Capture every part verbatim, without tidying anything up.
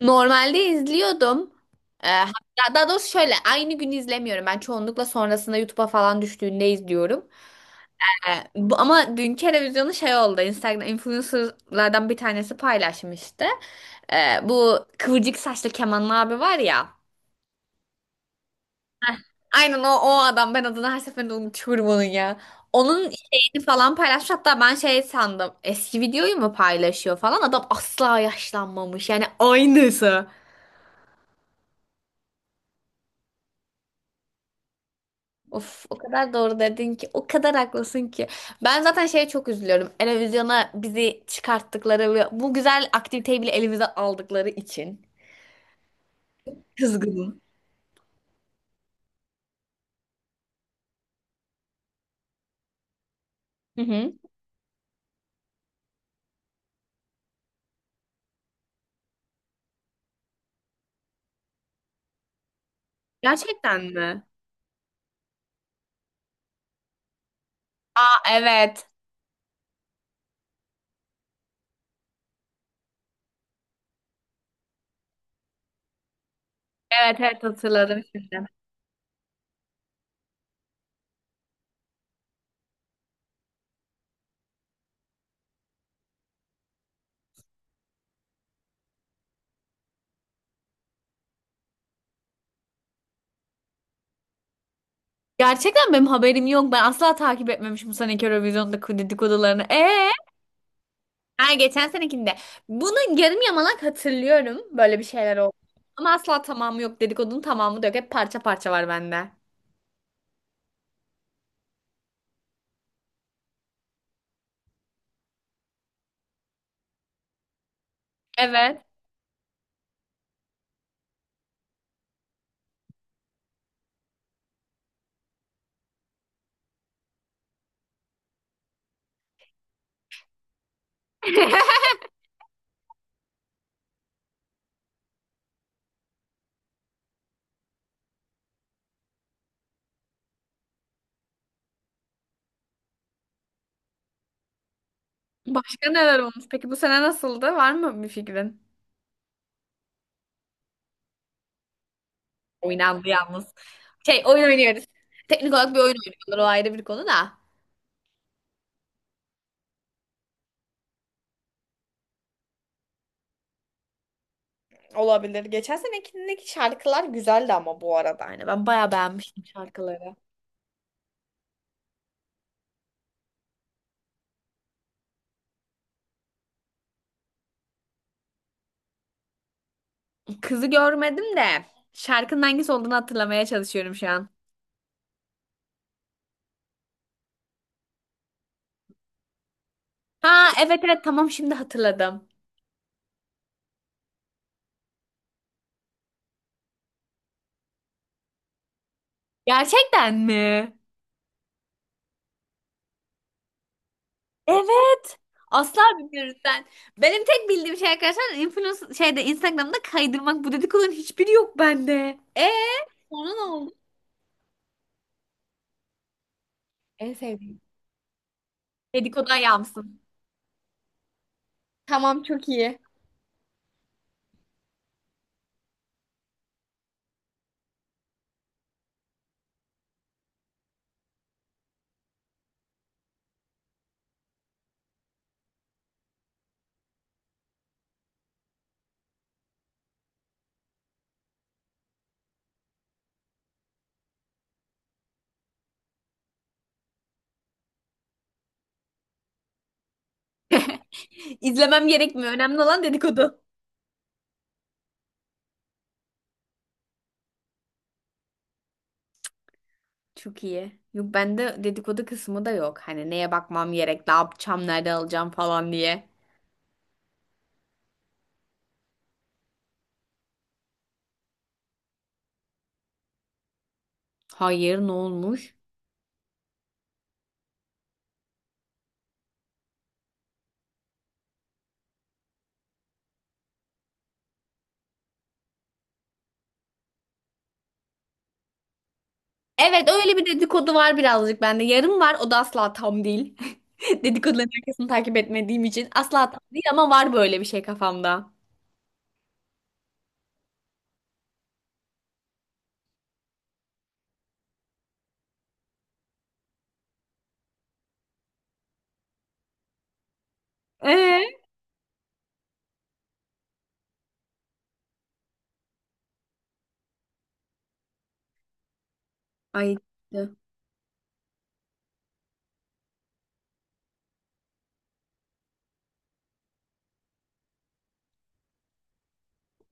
Normalde izliyordum. Ee, hatta daha doğrusu şöyle aynı gün izlemiyorum. Ben çoğunlukla sonrasında YouTube'a falan düştüğünde izliyorum. Ee, bu, ama dünkü televizyonu şey oldu. Instagram influencerlardan bir tanesi paylaşmıştı. Ee, bu kıvırcık saçlı Kemal abi var ya. Aynen o, o adam. Ben adını her seferinde unutuyorum onun ya. Onun şeyini falan paylaşmış. Hatta ben şey sandım. Eski videoyu mu paylaşıyor falan. Adam asla yaşlanmamış. Yani aynısı. Of, o kadar doğru dedin ki, o kadar haklısın ki. Ben zaten şeye çok üzülüyorum. Eurovision'a bizi çıkarttıkları ve bu güzel aktiviteyi bile elimize aldıkları için. Kızgınım. Hı hı. Gerçekten mi? Aa, evet. Evet evet, hatırladım şimdi. Gerçekten benim haberim yok. Ben asla takip etmemişim bu seneki Eurovision'daki dedikodularını. Ee, ha, geçen senekinde. Bunu yarım yamalak hatırlıyorum. Böyle bir şeyler oldu. Ama asla tamamı yok. Dedikodunun tamamı da yok. Hep parça parça var bende. Evet. Başka neler olmuş? Peki bu sene nasıldı? Var mı bir fikrin? Oynandı yalnız. Şey oyun oynuyoruz. Teknik olarak bir oyun oynuyorlar. O ayrı bir konu da. Olabilir. Geçen senekindeki şarkılar güzeldi ama bu arada. Yani ben bayağı beğenmiştim şarkıları. Kızı görmedim de şarkının hangisi olduğunu hatırlamaya çalışıyorum şu an. Ha evet evet, tamam şimdi hatırladım. Gerçekten mi? Evet. Asla bilmiyoruz sen. Benim tek bildiğim şey arkadaşlar influencer şeyde Instagram'da kaydırmak. Bu dedikoduların hiçbiri yok bende. E sonra ne oldu? En sevdiğim. Dedikodu ayağı. Tamam, çok iyi. İzlemem gerekmiyor. Önemli olan dedikodu. Çok iyi. Yok, bende dedikodu kısmı da yok. Hani neye bakmam gerek, ne yapacağım, nerede alacağım falan diye. Hayır, ne olmuş? Evet, öyle bir dedikodu var birazcık bende. Yarım var, o da asla tam değil. Dedikoduların arkasını takip etmediğim için asla tam değil ama var böyle bir şey kafamda. Ee? Ay. İşte.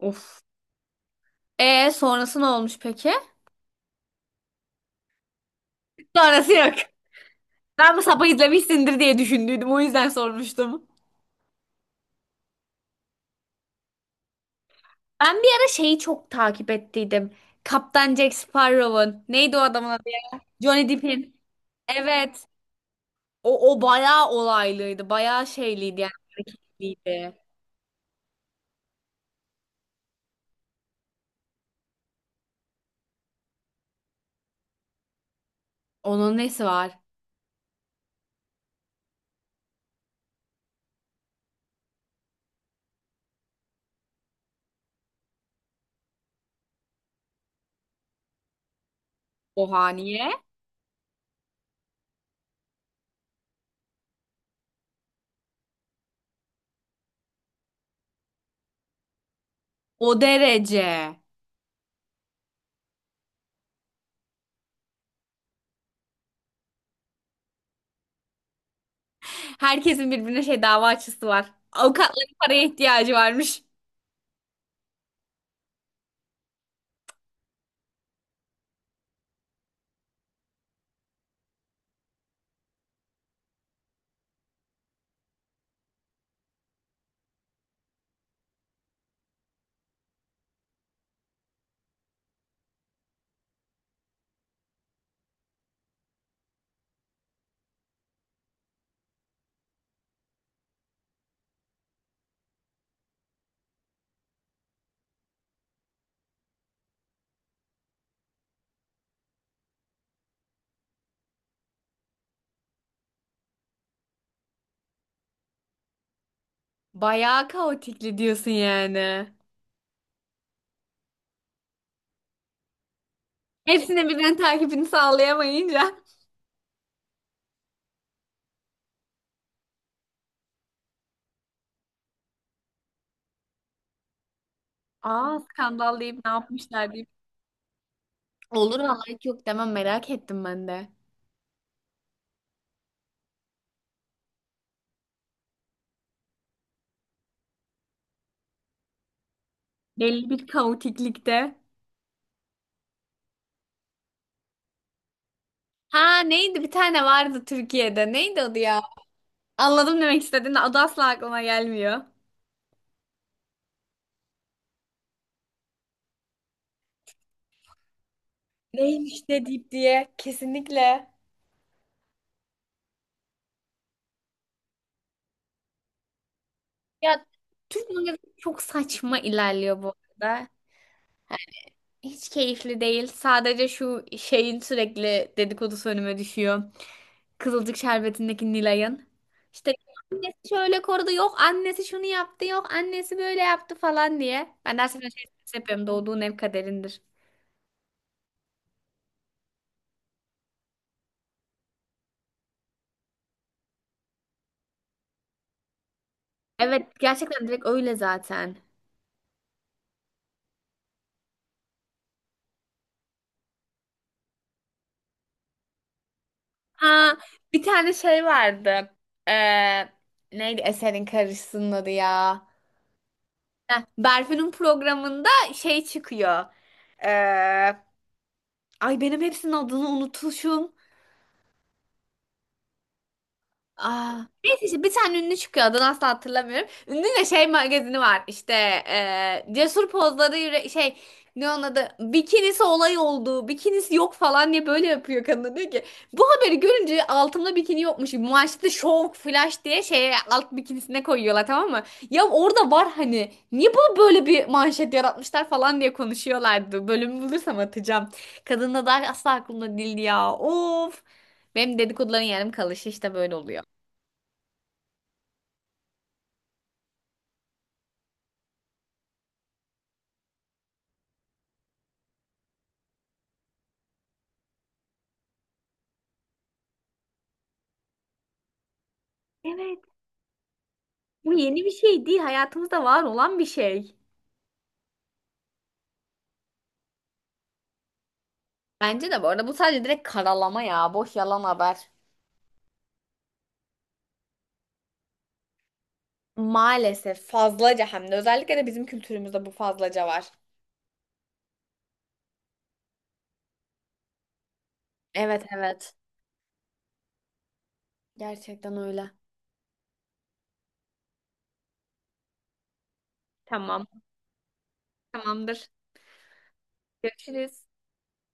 Of. Ee, sonrası ne olmuş peki? Sonrası yok. Ben bu sapı izlemişsindir diye düşündüydüm. O yüzden sormuştum. Ben bir ara şeyi çok takip ettiydim. Kaptan Jack Sparrow'un. Neydi o adamın adı? Johnny Depp'in. Evet. O, o bayağı olaylıydı. Bayağı şeyliydi yani. Hareketliydi. Onun nesi var? Oha, niye? O derece. Herkesin birbirine şey dava açısı var. Avukatların paraya ihtiyacı varmış. Bayağı kaotikli diyorsun yani. Hepsinin birbirinin takibini sağlayamayınca. Aa, skandal deyip ne yapmışlar deyip. Olur vallahi, hiç yok demem, merak ettim ben de. Belli bir kaotiklikte. Ha neydi, bir tane vardı Türkiye'de. Neydi adı ya? Anladım demek istediğini, adı asla aklıma gelmiyor. Neymiş de deyip diye kesinlikle. Ya Türk mangası çok saçma ilerliyor bu arada. Hiç keyifli değil. Sadece şu şeyin sürekli dedikodusu önüme düşüyor. Kızılcık Şerbeti'ndeki Nilay'ın. İşte annesi şöyle korudu, yok annesi şunu yaptı, yok annesi böyle yaptı falan diye. Ben dersimde şey şey yapıyorum, doğduğun ev kaderindir. Evet, gerçekten direkt öyle zaten. Ha, bir tane şey vardı. Ee, Neydi eserin karıcısının adı ya? Heh, Berfu'nun programında şey çıkıyor. Ee, Ay, benim hepsinin adını unutmuşum. Aa, neyse işte bir tane ünlü çıkıyor, adını asla hatırlamıyorum. Ünlü de şey magazini var işte, e, cesur pozları yüre- şey, ne onun adı, bikinisi olay oldu, bikinisi yok falan diye böyle yapıyor, kadın diyor ki bu haberi görünce altımda bikini yokmuş maçta şov flash diye şeye alt bikinisine koyuyorlar, tamam mı? Ya orada var, hani niye bunu böyle bir manşet yaratmışlar falan diye konuşuyorlardı, bölümü bulursam atacağım. Kadın da daha asla aklımda değildi ya, of. Benim dedikoduların yarım kalışı işte böyle oluyor. Evet. Bu yeni bir şey değil. Hayatımızda var olan bir şey. Bence de bu arada bu sadece direkt karalama ya. Boş yalan haber. Maalesef fazlaca, hem de özellikle de bizim kültürümüzde bu fazlaca var. Evet evet. Gerçekten öyle. Tamam. Tamamdır. Görüşürüz.